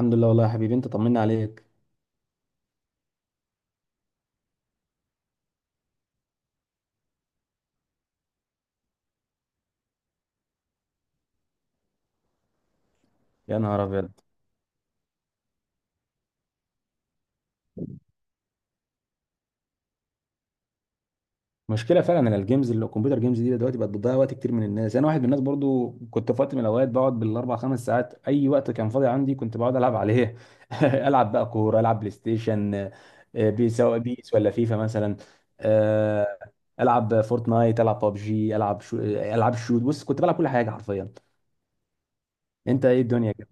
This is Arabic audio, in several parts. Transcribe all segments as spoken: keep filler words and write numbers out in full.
الحمد لله والله يا حبيبي، انت طمنا عليك. يا نهار ابيض! مشكله فعلا ان الجيمز اللي الكمبيوتر جيمز دي دلوقتي بقت بتضيع وقت كتير من الناس. انا واحد من الناس برضو، كنت في وقت من الاوقات بقعد بالاربع خمس ساعات، اي وقت كان فاضي عندي كنت بقعد العب عليه. العب بقى كوره، العب بلاي ستيشن، آه، بي سواء بيس ولا فيفا مثلا. آه، العب فورتنايت، العب ببجي، العب شو، العب شوت. بص، كنت بلعب كل حاجه حرفيا. انت ايه الدنيا كده؟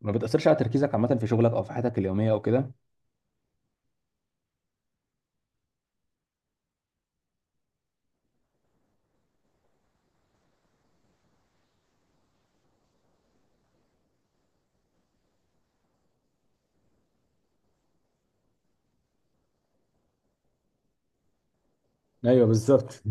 ما بتاثرش على تركيزك عامه في شغلك او في حياتك اليوميه او كده؟ ايوه بالظبط.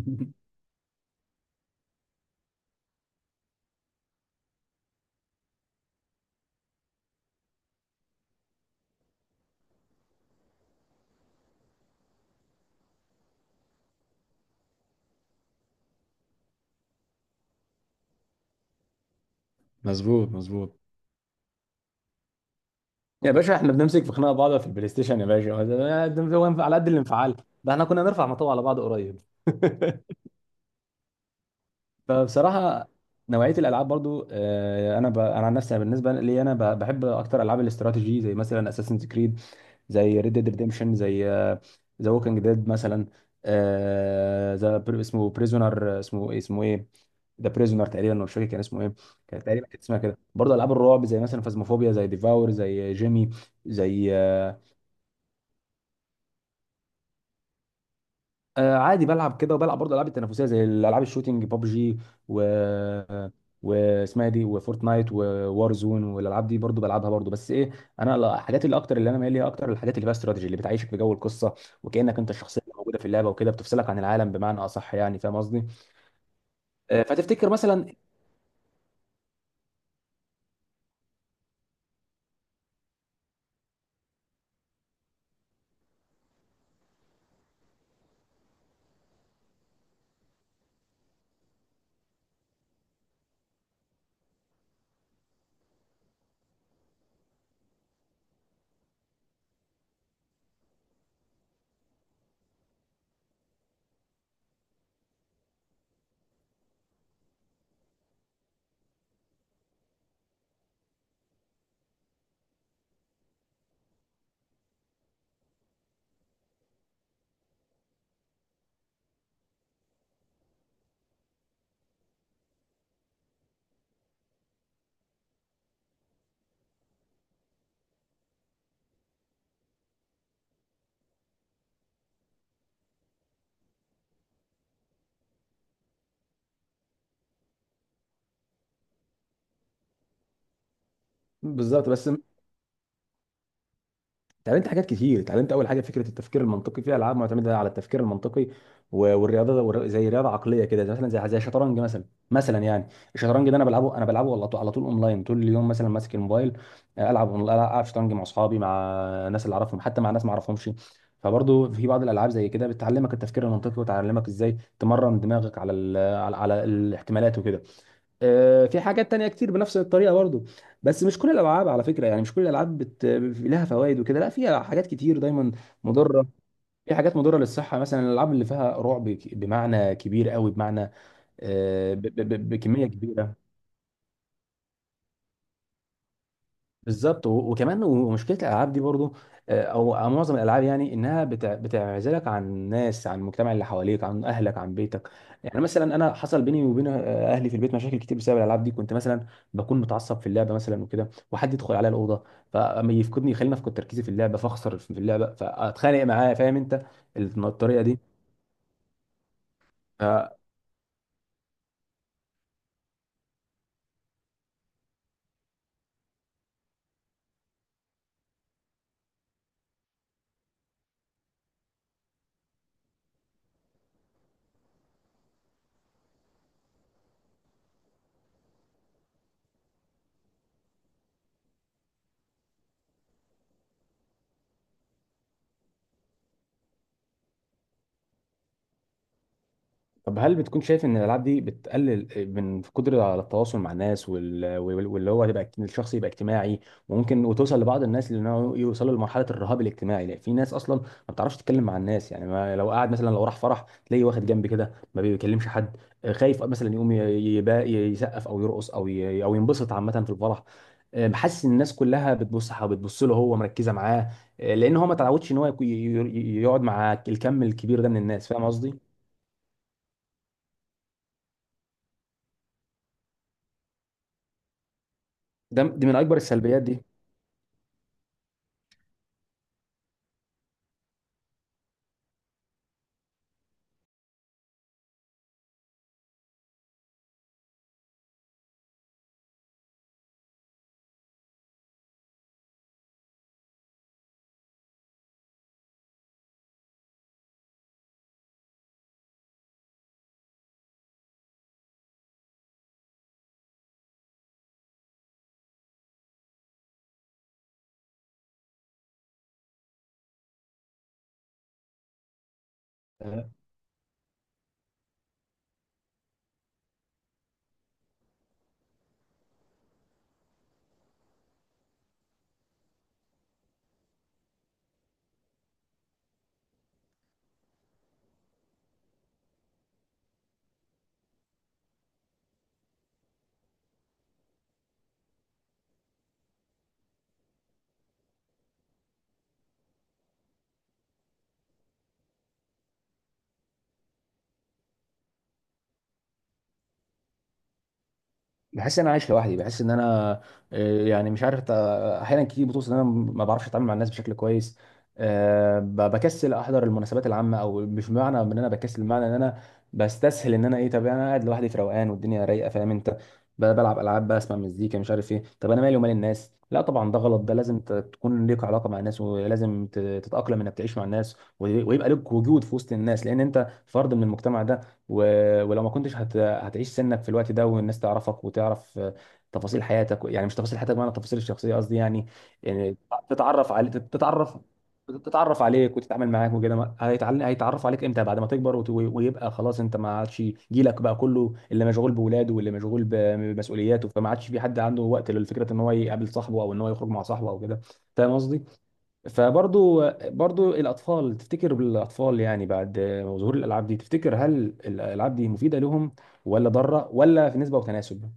مظبوط مظبوط. يا باشا احنا بنمسك في خناقه بعض في البلاي ستيشن يا باشا، ده- ده هو ينفع- على قد الانفعال. ده احنا كنا نرفع مطوع على بعض قريب. فبصراحه نوعيه الالعاب برضو، آه، انا ب... انا عن نفسي، أنا بالنسبه لي انا ب... بحب اكتر العاب الاستراتيجي، زي مثلا اساسنز كريد، زي ريد ديد ريديمشن، زي ذا ووكينج ديد مثلا. ذا اسمه بريزونر، اسمه ايه، اسمه ايه، ذا بريزونر تقريبا، مش فاكر كان اسمه ايه. كان تقريبا كان اسمها كده. برضه العاب الرعب زي مثلا فازموفوبيا، زي ديفاور، زي جيمي، زي آه، آه، عادي بلعب كده. وبلعب برضه العاب التنافسيه زي الالعاب الشوتينج، ببجي و واسمها دي وفورتنايت ووار زون. والالعاب دي برضه بلعبها برضه، بس ايه، انا ال- الحاجات اللي اكتر اللي انا مايل ليها اكتر الحاجات اللي فيها استراتيجي، اللي بتعيشك في جو القصه، وكانك انت الشخصيه اللي موجوده في اللعبه وكده، بتفصلك عن العالم بمعنى اصح، يعني فاهم قصدي؟ آه، فتفتكر مثلا؟ بالظبط بس. اتعلمت حاجات كتير، اتعلمت اول حاجه فكره التفكير المنطقي، في العاب معتمده على التفكير المنطقي و- والرياضه والر- زي رياضه عقليه كده، زي مثلا زي زي الشطرنج مثلا. مثلا يعني الشطرنج ده انا بلعبه، انا بلعبه على طول على طول اونلاين، طول اليوم مثلا ماسك الموبايل، العب العب شطرنج مع اصحابي، مع ناس اللي اعرفهم، حتى مع ناس ما اعرفهمش. فبرضه في بعض الالعاب زي كده بتعلمك التفكير المنطقي وتعلمك ازاي تمرن دماغك على ال على على الاحتمالات وكده. آه، في حاجات تانية كتير بنفس الطريقة برضو. بس مش كل الألعاب على فكرة، يعني مش كل الألعاب بت... لها فوائد وكده. لا، في حاجات كتير دايما مضرة. في حاجات مضرة للصحة مثلا، الألعاب اللي فيها رعب ك- بمعنى كبير قوي، بمعنى آه، ب... ب... ب- بكمية كبيرة. بالظبط. و- وكمان و- ومشكله الالعاب دي برضو، آه، او أو معظم الالعاب، يعني انها بتع- بتعزلك عن الناس، عن المجتمع اللي حواليك، عن اهلك، عن بيتك. يعني مثلا انا حصل بيني وبين آه، اهلي في البيت مشاكل كتير بسبب الالعاب دي. كنت مثلا بكون متعصب في اللعبه مثلا وكده، وحد يدخل عليا الاوضه فما يفقدني، يخليني افقد تركيزي في اللعبه، فاخسر في اللعبه، فاتخانق معاه، فاهم انت الطريقه دي؟ طب هل بتكون شايف ان الالعاب دي بتقلل من قدرة على التواصل مع الناس، وال- وال- واللي هو تبقى الشخص يبقى اجتماعي؟ وممكن وتوصل لبعض الناس لانه يوصلوا لمرحلة الرهاب الاجتماعي، لأن في ناس اصلا ما بتعرفش تتكلم مع الناس. يعني ما لو قاعد مثلا، لو راح فرح تلاقيه واخد جنب كده ما بيكلمش حد، خايف مثلا يقوم ي- يبا- يسقف او يرقص او ي- او ينبسط عامة في الفرح، حاسس ان الناس كلها بتبص بتبص له، هو مركزة معاه، آه، لان هو ما تعودش ان هو يكو- ي- ي- يقعد مع الكم الكبير ده من الناس، فاهم قصدي؟ ده دي من اكبر السلبيات دي. آه. بحس ان انا عايش لوحدي، بحس ان انا آه، يعني مش عارف أت- احيانا كتير بتوصل ان انا ما بعرفش اتعامل مع الناس بشكل كويس. آه، ب- بكسل احضر المناسبات العامه، او مش معنى ان انا بكسل، معنى ان انا بستسهل ان انا ايه، طب انا قاعد لوحدي في روقان والدنيا رايقه، فاهم انت، ب- بلعب العاب بقى، اسمع مزيكا، مش عارف ايه، طب انا مالي ومال الناس. لا طبعا ده غلط، ده لازم ت- تكون ليك علاقه مع الناس، ولازم ت- تتاقلم انك تعيش مع الناس، ويبقى لك وجود في وسط الناس، لان انت فرد من المجتمع ده. و... ولو ما كنتش هت... هتعيش سنك في الوقت ده، والناس تعرفك وتعرف آه، تفاصيل حياتك، يعني مش تفاصيل حياتك بمعنى التفاصيل الشخصيه قصدي يعني، يعني تتعرف على تتعرف تتعرف عليك وتتعامل معاك وكده. ما- هيتعل... هيتعرفوا عليك امتى؟ بعد ما تكبر وت... ويبقى خلاص انت ما عادش، جيلك بقى كله اللي مشغول بولاده واللي مشغول ب- بمسؤولياته، فما عادش في حد عنده وقت لفكره ان هو يقابل صاحبه او ان هو يخرج مع صاحبه او كده، فاهم قصدي؟ فبرضو برضو الاطفال، تفتكر بالاطفال يعني بعد ظهور الالعاب دي، تفتكر هل الالعاب دي مفيده لهم ولا ضاره ولا في نسبه وتناسب؟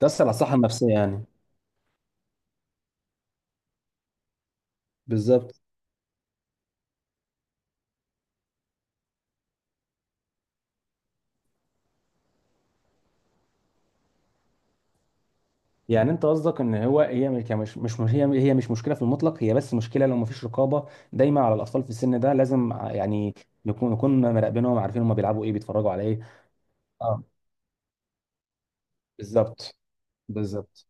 تاثر على الصحه النفسيه يعني. بالظبط. يعني انت قصدك ان هو هي مش مش مش- هي هي مش مشكله في المطلق، هي بس مشكله لو مفيش رقابه دايما على الاطفال في السن ده، لازم ع- يعني نكون نكون مراقبينهم، عارفين هم بيلعبوا ايه، بيتفرجوا على ايه. اه بالظبط. بالظبط.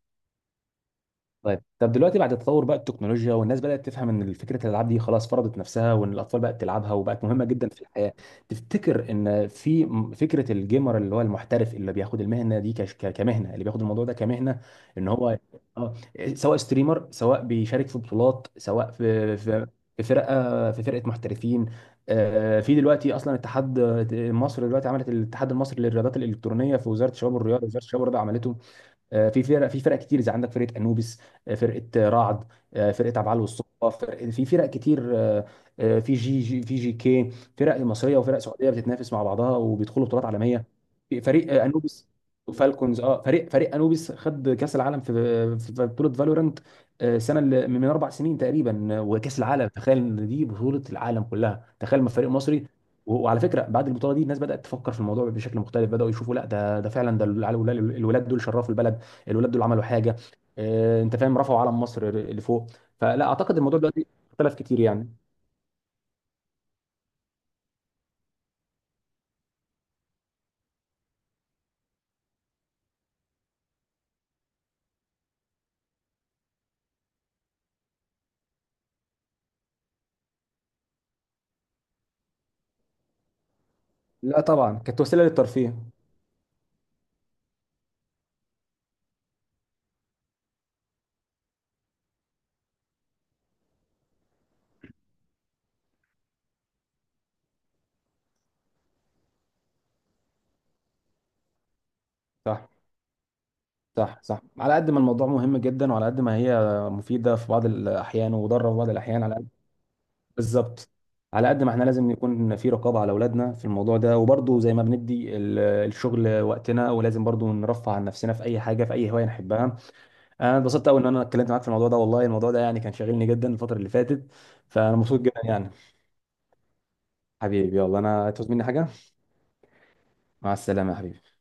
طيب طب دلوقتي بعد تطور بقى التكنولوجيا والناس بدأت تفهم ان فكرة الالعاب دي خلاص فرضت نفسها، وان الاطفال بقت تلعبها وبقت مهمة جدا في الحياة، تفتكر ان في م- فكرة الجيمر اللي هو المحترف اللي بياخد المهنة دي كش- ك- كمهنة، اللي بياخد الموضوع ده كمهنة، ان هو، اه، سواء ستريمر سواء بيشارك في بطولات سواء في في في فرقة، في فرقة محترفين. آه، في دلوقتي اصلا اتحاد. مصر دلوقتي عملت الاتحاد المصري للرياضات الالكترونيه، في وزاره الشباب والرياضه، وزاره الشباب والرياضه عملته. آه، في فرق، في فرق كتير، زي عندك فرقه انوبيس، آه، فرقه آه، رعد، آه، فرقه عبعال والصقا، فرق- في فرق كتير، آه، آه، في جي جي في جي كي. فرق مصريه وفرق سعوديه بتتنافس مع بعضها وبيدخلوا بطولات عالميه. في فريق آه، انوبيس وفالكونز، اه فريق فريق انوبيس خد كاس العالم في في في بطوله فالورانت، آه، السنه اللي من من اربع سنين تقريبا، آه، وكاس العالم، تخيل ان دي بطوله العالم كلها، تخيل ما فريق مصري. و- وعلى فكره بعد البطوله دي الناس بدات تفكر في الموضوع بشكل مختلف، بداوا يشوفوا لا، ده ده فعلا، ده العيال- الولاد، الولاد دول شرفوا البلد، الولاد دول عملوا حاجه، آه، انت فاهم، رفعوا علم مصر لفوق. فلا اعتقد الموضوع دلوقتي اختلف كتير يعني. لا طبعا كانت وسيله للترفيه. صح صح صح. على قد ما الموضوع مهم جدا، وعلى قد ما هي مفيده في بعض الاحيان وضاره في بعض الاحيان، على قد... بالظبط. على قد ما احنا لازم يكون في رقابه على اولادنا في الموضوع ده، وبرضه زي ما بندي ال- الشغل وقتنا ولازم برضه نرفه عن نفسنا في اي حاجه، في اي هوايه نحبها. انا اتبسطت قوي ان انا اتكلمت معاك في الموضوع ده، والله الموضوع ده يعني كان شاغلني جدا الفتره اللي فاتت، فانا مبسوط جدا يعني. حبيبي يلا، انا تفوت مني حاجه. مع السلامه يا حبيبي.